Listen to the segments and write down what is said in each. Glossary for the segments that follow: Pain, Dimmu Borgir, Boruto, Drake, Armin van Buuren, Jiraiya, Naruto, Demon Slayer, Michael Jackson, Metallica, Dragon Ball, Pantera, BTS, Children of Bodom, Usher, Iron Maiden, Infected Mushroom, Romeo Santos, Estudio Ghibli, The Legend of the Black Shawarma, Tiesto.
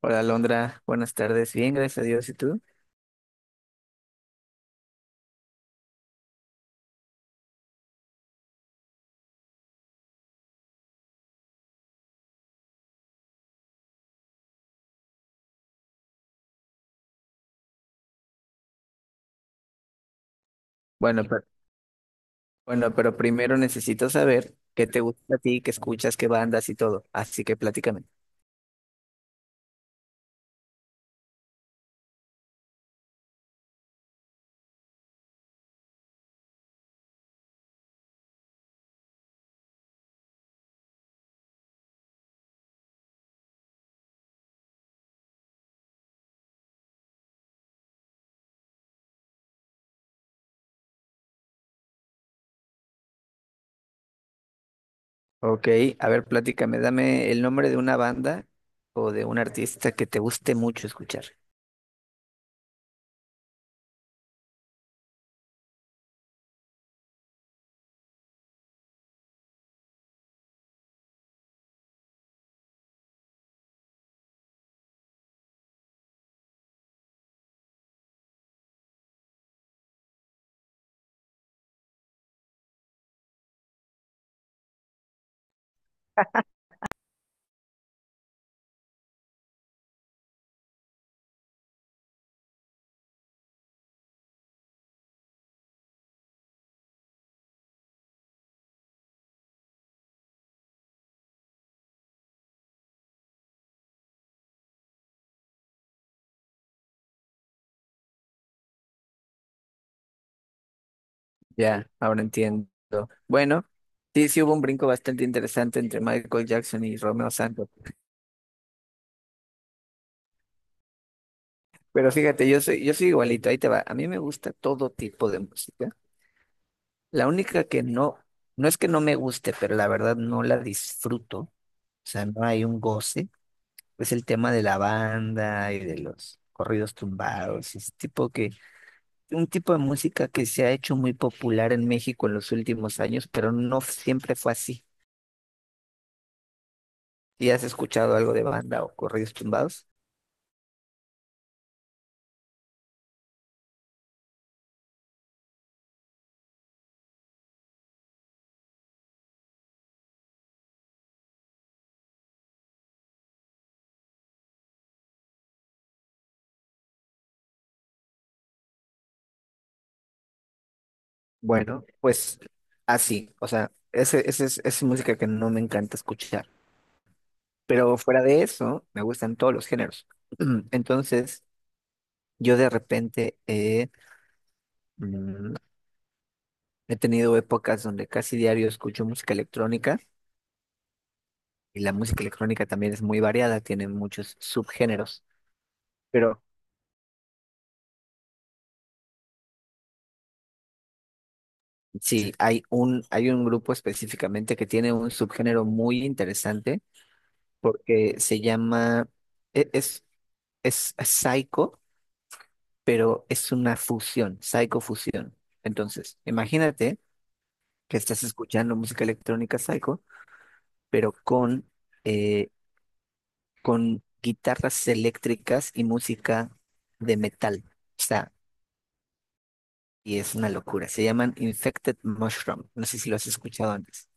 Hola, Alondra. Buenas tardes. Bien, gracias a Dios. ¿Y tú? Bueno, pero, bueno, pero primero necesito saber qué te gusta a ti, qué escuchas, qué bandas y todo. Así que platícame. Ok, a ver, platícame. Dame el nombre de una banda o de un artista que te guste mucho escuchar. Ya, ahora entiendo. Bueno, sí, sí hubo un brinco bastante interesante entre Michael Jackson y Romeo Santos. Pero fíjate, yo soy igualito. Ahí te va. A mí me gusta todo tipo de música. La única que no, no es que no me guste, pero la verdad no la disfruto, o sea, no hay un goce, es el tema de la banda y de los corridos tumbados, ese tipo que, un tipo de música que se ha hecho muy popular en México en los últimos años, pero no siempre fue así. ¿Y has escuchado algo de banda o corridos tumbados? Bueno, pues así, o sea, ese es música que no me encanta escuchar, pero fuera de eso, me gustan todos los géneros. Entonces… Yo de repente mm, he tenido épocas donde casi diario escucho música electrónica y la música electrónica también es muy variada, tiene muchos subgéneros, pero sí, hay un grupo específicamente que tiene un subgénero muy interesante porque se llama, e- es psycho, pero es una fusión, psicofusión. Entonces, imagínate que estás escuchando música electrónica psycho, pero eh, con guitarras eléctricas y música de metal. O sea, y es una locura. Se llaman Infected Mushroom. No sé si lo has escuchado antes.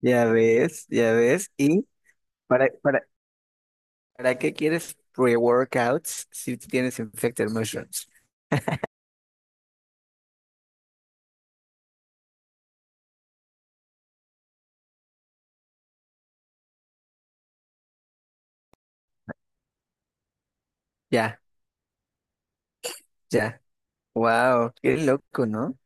Ya ves, ya ves. ¿Y para, para, para qué quieres pre-workouts si tú tienes Infected Mushrooms? Ya, ya. Wow, qué loco, ¿no?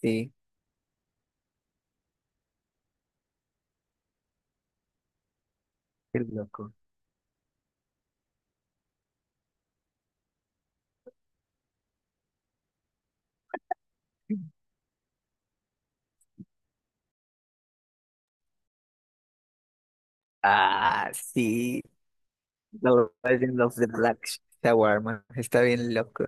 Sí, qué loco. Ah, sí. The Legend of the Black Shawarma. Está bien loco.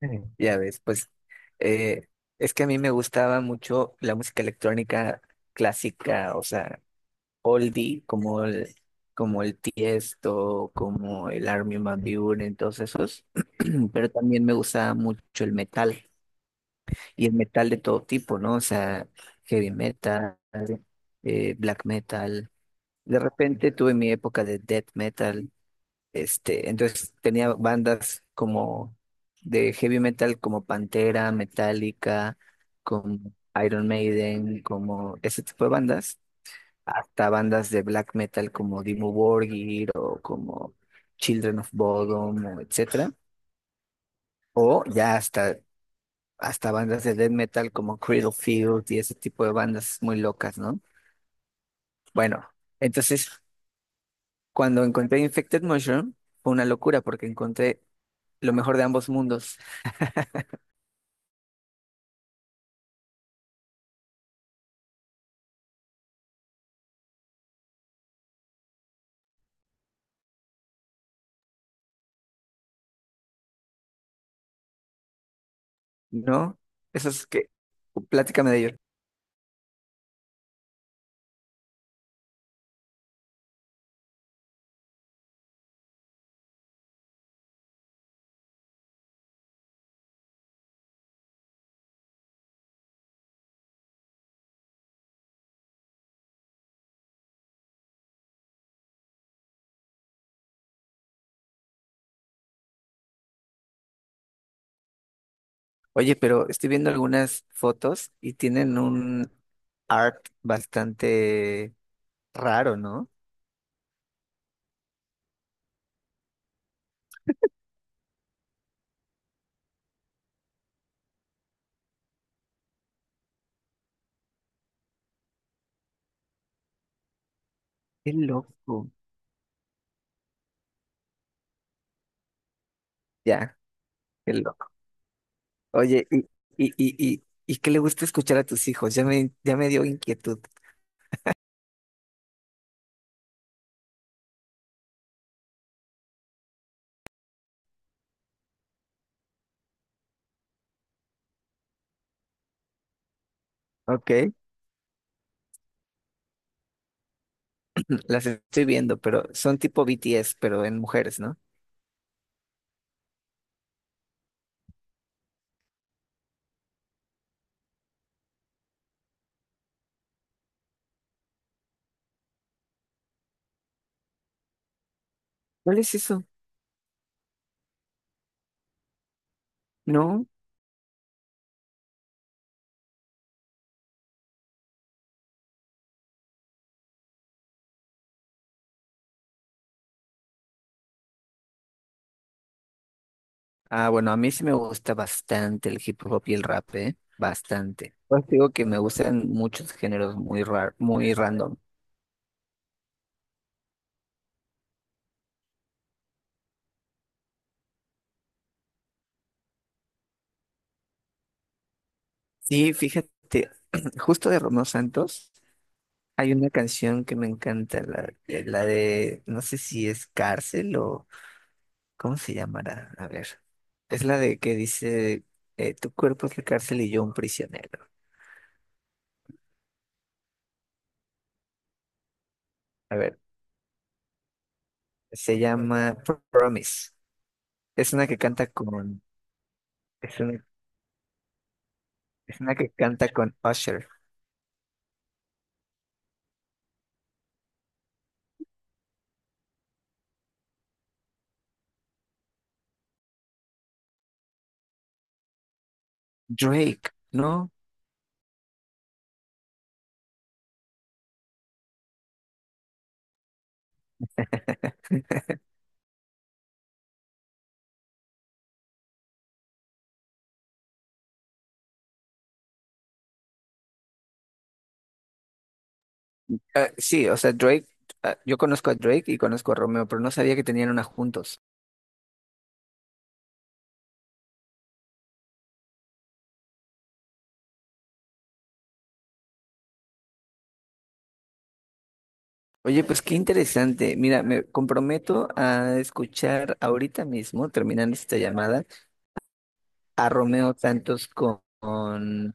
Ya ves, pues eh, es que a mí me gustaba mucho la música electrónica clásica, o sea, oldie, como el Tiesto, como el Armin van Buuren, todos esos, pero también me gustaba mucho el metal, y el metal de todo tipo, ¿no? O sea, heavy metal, black metal. De repente tuve mi época de death metal, este, entonces tenía bandas como de heavy metal como Pantera, Metallica, como Iron Maiden, como ese tipo de bandas, hasta bandas de black metal como Dimmu Borgir o como Children of Bodom, o etcétera, o ya hasta bandas de death metal como Field y ese tipo de bandas muy locas, ¿no? Bueno, entonces cuando encontré Infected Mushroom fue una locura porque encontré lo mejor de ambos mundos. ¿No? Eso es que, platícame de ello. Oye, pero estoy viendo algunas fotos y tienen un art bastante raro, ¿no? Qué loco. Ya, qué loco. Oye, ¿Y qué le gusta escuchar a tus hijos? Ya me dio inquietud. Ok, las estoy viendo, pero son tipo BTS, pero en mujeres, ¿no? ¿Cuál es eso? No. Ah, bueno, a mí sí me gusta bastante el hip hop y el rap, ¿eh? Bastante. Pues digo que me gustan muchos géneros muy rar, muy random. Sí, fíjate, justo de Romeo Santos hay una canción que me encanta, la de, no sé si es cárcel o, ¿cómo se llamará? A ver, es la de que dice, tu cuerpo es la cárcel y yo un prisionero. A ver, se llama Promise. Es una que canta con, es una, es una que canta con Usher. Drake, ¿no? Ah, sí, o sea, Drake, ah, yo conozco a Drake y conozco a Romeo, pero no sabía que tenían una juntos. Oye, pues qué interesante. Mira, me comprometo a escuchar ahorita mismo, terminando esta llamada, a Romeo Santos con, con,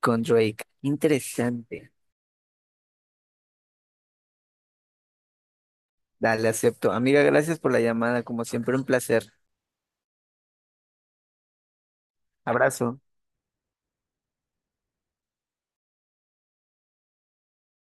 con Drake. Interesante. Dale, acepto. Amiga, gracias por la llamada, como siempre, un placer. Abrazo.